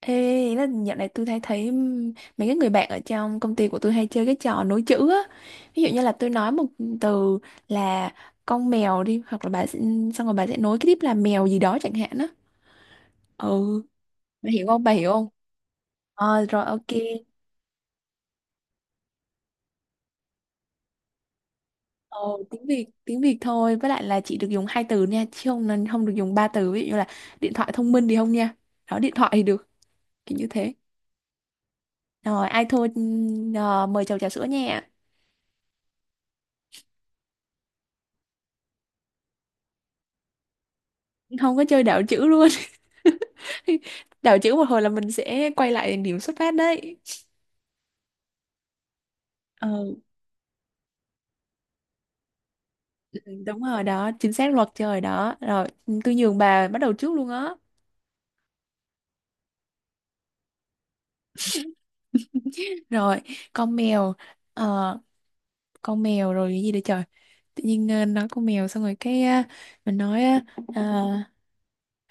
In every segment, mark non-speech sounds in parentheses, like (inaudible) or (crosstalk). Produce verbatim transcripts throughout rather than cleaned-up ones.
Ê, ý là dạo này tôi thấy thấy ừm, mấy cái người bạn ở trong công ty của tôi hay chơi cái trò nối chữ á. Ví dụ như là tôi nói một từ là con mèo đi, hoặc là bà sẽ, xong rồi bà sẽ nối cái tiếp là mèo gì đó chẳng hạn á. Ừ, bà hiểu không? Bà hiểu không? Ờ rồi ok. Ờ, tiếng Việt tiếng Việt thôi, với lại là chỉ được dùng hai từ nha, chứ không nên không được dùng ba từ, ví dụ như là điện thoại thông minh thì không nha. Đó, điện thoại thì được, kiểu như thế. Rồi ai thua ừm, ờ, mời chầu trà sữa nha. Không có chơi đảo chữ luôn. (laughs) Đảo chữ một hồi là mình sẽ quay lại điểm xuất phát đấy. Ờ, ừ, đúng rồi đó, chính xác, luật trời đó. Rồi tôi nhường bà bắt đầu trước luôn á. Rồi, con mèo, ờ, con mèo, rồi cái gì đây trời, tự nhiên ờ, nói con mèo xong rồi cái ờ, mình nói ờ, ờ,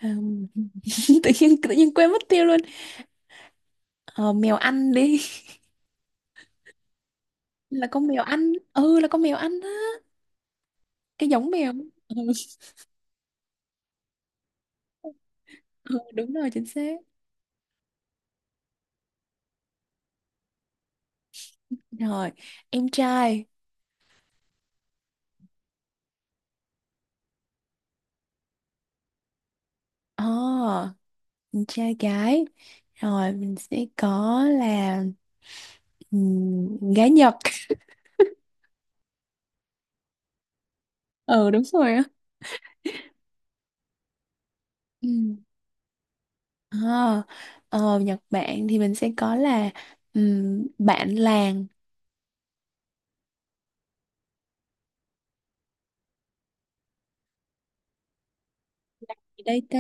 ừm, (laughs) tự nhiên tự nhiên quên mất tiêu luôn. Ờ, mèo Anh đi. (laughs) Là con mèo Anh, ừ, là con mèo Anh á, cái giống mèo. (laughs) Ừ, ừ, đúng rồi, chính xác. Rồi em trai. ờ mình trai gái, rồi mình sẽ có là ừm, gái Nhật. (laughs) Ừ, đúng rồi á. Ừ. Ờ, ờ, Nhật Bản thì mình sẽ có là ừm, bạn làng. Gì đây ta?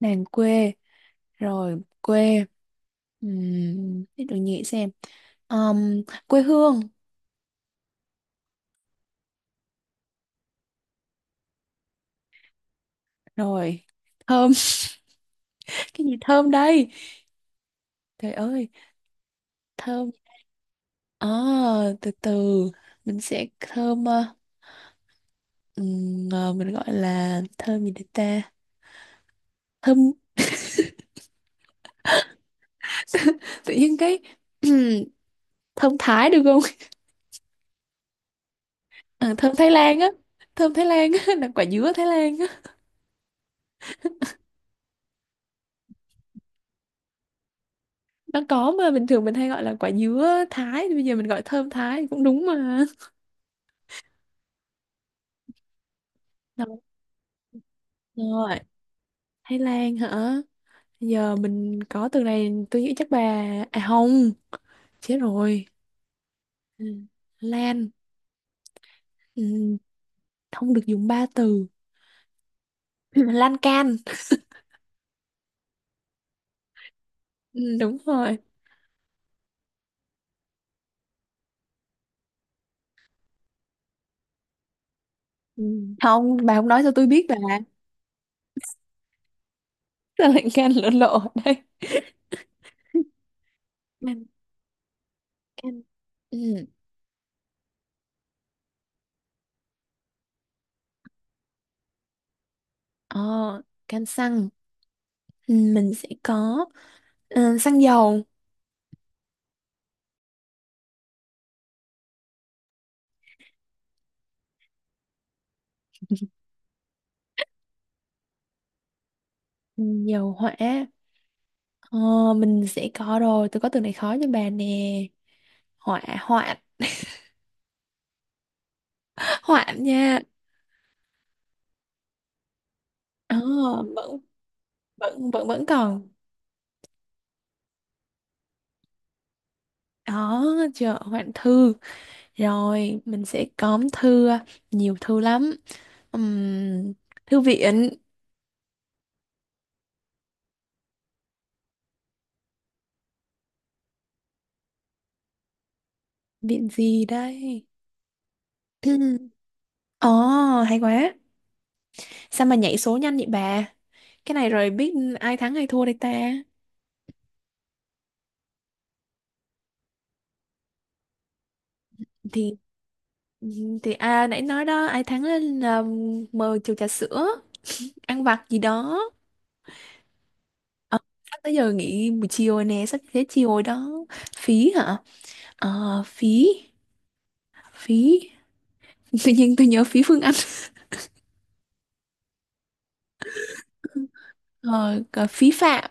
Làng quê, rồi quê, um, để tôi nghĩ xem. Ờm, Quê hương, rồi thơm. (laughs) Cái gì thơm đây, trời ơi, thơm. Ờ, từ từ, mình sẽ thơm ờ, ừm, ờ, mình gọi là thơm gì đây ta, thơm. (laughs) Tự nhiên cái (clears throat) thơm Thái được không? Ờ, Thơm Thái Lan á, thơm Thái Lan á, là quả dứa Thái Lan á. Nó có mà, bình thường mình hay gọi là quả dứa Thái, thì bây giờ mình gọi thơm Thái cũng đúng mà. Đúng rồi, Thái Lan hả, giờ mình có từ này tôi nghĩ chắc bà, à không, chết rồi. Ừ, Lan, ừ, không được dùng ba từ. (clears throat) Lan can. Ừ, đúng rồi. Ừ. Không, bà không nói cho tôi biết bà. (laughs) Sao lại can lộ lộ ở đây? Kem. Ừ. ờ, Kem xăng. Ừ, mình sẽ có ờ, xăng dầu. Ừ, dầu hỏa. ờ, mình sẽ có, rồi tôi có từ này khó cho bà nè, hỏa hoạn. (laughs) Hoạn nha. ờ, vẫn vẫn vẫn vẫn còn. Đó, chợ hoạn thư. Rồi mình sẽ có thư, à, nhiều thư lắm. Ừm, Thư viện. Viện gì đây? (clears throat) Ồ, hay quá. Sao mà nhảy số nhanh vậy bà? Cái này rồi biết ai thắng ai thua đây ta? thì thì à, nãy nói đó, ai thắng là mời chầu trà sữa, ăn vặt gì đó. Ờ, sắp tới giờ nghỉ buổi chiều rồi nè, sắp tới chiều rồi đó. Phí hả? ờ phí phí (laughs) Tự nhiên tôi nhớ phí Phương Anh. (laughs) Rồi còn phí phạm,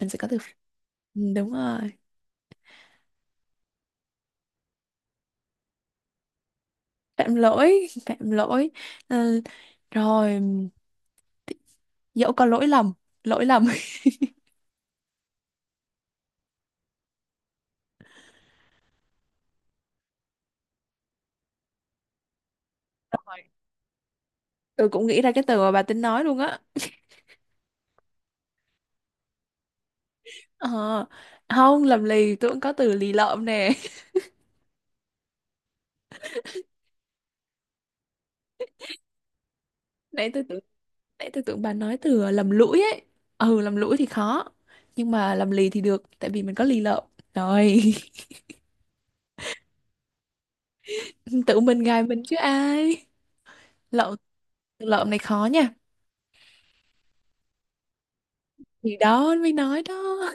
mình sẽ có từ phí- ừ, đúng rồi, phạm lỗi, phạm lỗi. Ừ, rồi dẫu có lỗi lầm, lỗi lầm. (laughs) Rồi, tôi cũng nghĩ ra cái từ mà bà tính nói luôn á. Ờ, không, lầm lì, tôi cũng có từ lì lợm nè. (laughs) Nãy tôi tưởng, Nãy tôi tưởng bà nói từ ờ, lầm lũi ấy. Ừ, lầm lũi thì khó. Nhưng mà lầm lì thì được, tại vì mình có lì lợm. Rồi, (laughs) tự mình gài mình chứ ai. Lợm, từ lợm này khó nha. Thì đó, mới nói đó.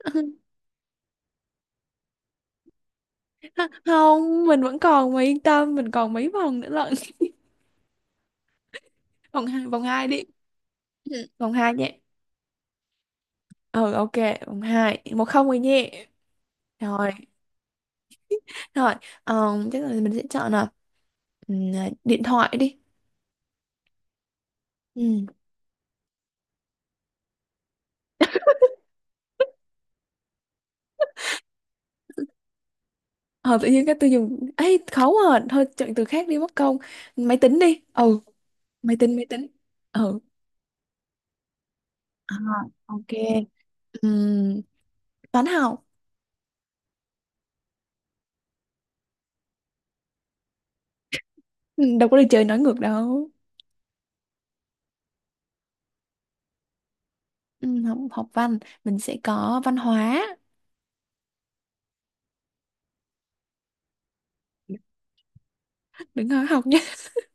(laughs) Không, mình vẫn còn mà, yên tâm, mình còn mấy vòng nữa lận. (laughs) Vòng hai, vòng hai đi. Ừ, vòng hai nhé. Ừ, ok, vòng hai. Một không rồi nhé. Rồi, rồi, ờ, chắc là mình sẽ chọn là ừ, điện thoại đi. Ừ. Ờ, tự nhiên cái tôi dùng ấy khó, à thôi, chọn từ khác đi mất công. Máy tính đi. Ừ. máy tính máy tính ừ à, ok. Ừm, Toán học. Ừ, đâu có đi chơi nói ngược đâu. Ừm, học, học văn, mình sẽ có văn hóa. (laughs) Đừng nói học nhé. (laughs)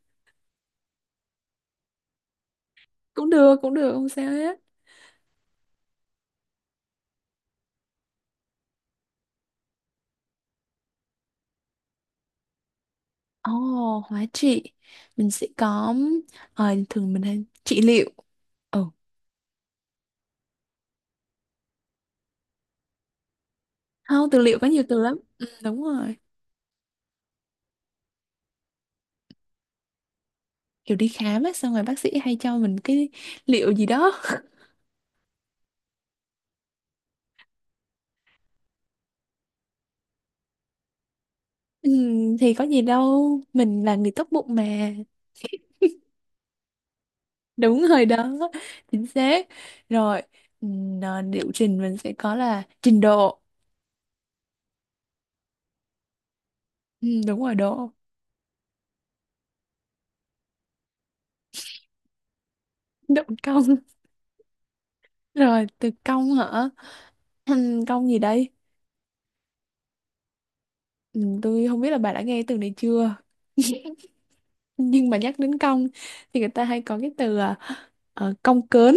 Cũng được, cũng được, không sao hết. ồ oh, hóa trị, mình sẽ có ờ, thường mình hay trị liệu. Ừ, không, từ liệu có nhiều từ lắm, ừ, đúng rồi. Kiểu đi khám á, xong rồi bác sĩ hay cho mình cái liệu gì đó. Ừ, thì có gì đâu, mình là người tốt bụng mà. Đúng rồi đó, chính xác. Rồi, ừ, à, liệu trình, mình sẽ có là trình độ. Ừ, đúng rồi, độ. Độ công. (laughs) Rồi từ công hả? Ừm, công gì đây? ừ, tôi không biết là bà đã nghe từ này chưa. (laughs) Nhưng mà nhắc đến công thì người ta hay có cái từ à, ờ, cong cớn.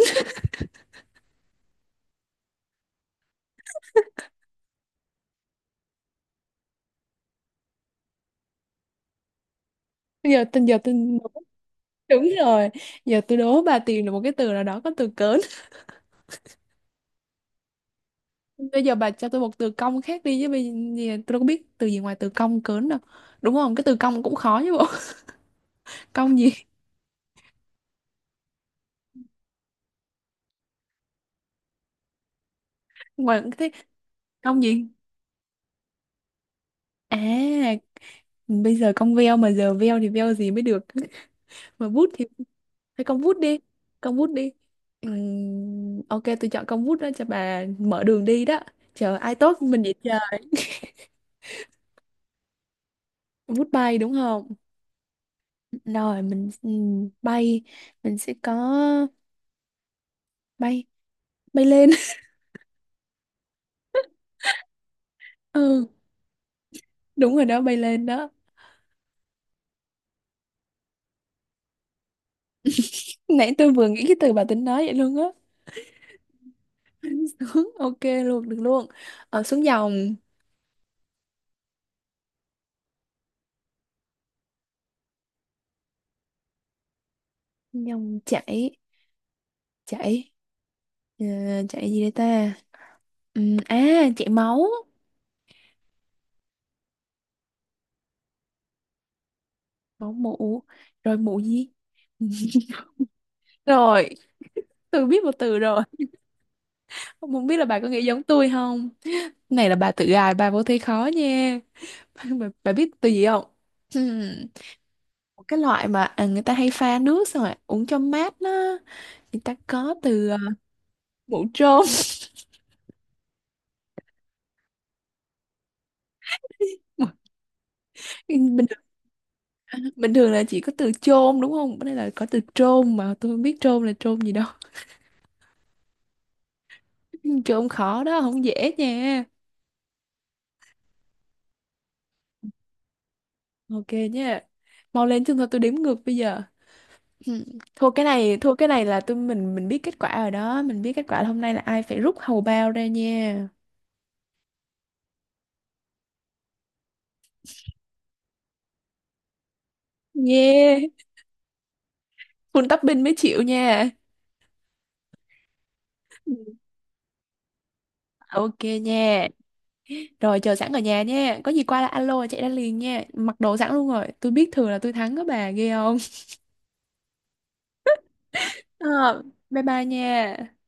(laughs) Bây giờ tình giờ tôi đúng rồi, giờ tôi đố bà tìm được một cái từ nào đó có từ cớn. Bây giờ bà cho tôi một từ cong khác đi, chứ bây giờ tôi đâu có biết từ gì ngoài từ cong cớn đâu. Đúng không? Cái từ cong cũng khó chứ bộ. (laughs) Cong gì? Ngoài cái cong gì? À, bây giờ cong veo mà giờ veo thì veo gì mới được. (laughs) Mà bút thì hay cong bút đi. Cong bút đi. Ừm, ok, tôi chọn cong bút đó cho bà mở đường đi đó. Chờ ai tốt mình vậy chờ. Bút bay đúng không? Rồi mình ừm, bay, mình sẽ có bay bay lên. (laughs) Ừ, đúng rồi đó, bay lên đó. Nãy tôi vừa nghĩ cái từ bà tính nói vậy luôn á. (laughs) Xuống, ok luôn, được luôn. Ờ, xuống dòng, dòng chảy, chảy, ờ, chảy gì đây ta? Ừm, à, chảy máu, máu mụ, rồi mụ gì? (laughs) Rồi, tôi biết một từ rồi. Không biết là bà có nghĩ giống tôi không? Này là bà tự gài, bà vô thấy khó nha. (laughs) Bà, bà biết từ gì không? Ừm, Một cái loại mà à, người ta hay pha nước xong rồi uống cho mát đó. Người ta có từ ờ, mụ trôn. (laughs) bình thường, Bình thường là chỉ có từ chôn đúng không? Bữa nay là có từ trôn mà tôi không biết trôn là trôn gì đâu. (laughs) Trôn khó đó, không dễ nha. Ok nha. Mau lên chứ thôi tôi đếm ngược bây giờ. Ừ. (laughs) Thua cái này, thua cái này là tôi, mình mình biết kết quả rồi đó, mình biết kết quả là hôm nay là ai phải rút hầu bao ra nha. Yeah, full topping mới chịu nha. Ừ. Ok nha. Rồi chờ sẵn ở nhà nha. Có gì qua là alo chạy ra liền nha. Mặc đồ sẵn luôn rồi. Tôi biết thường là tôi thắng đó, bà ghê không? (laughs) Ờ, bye bye nha.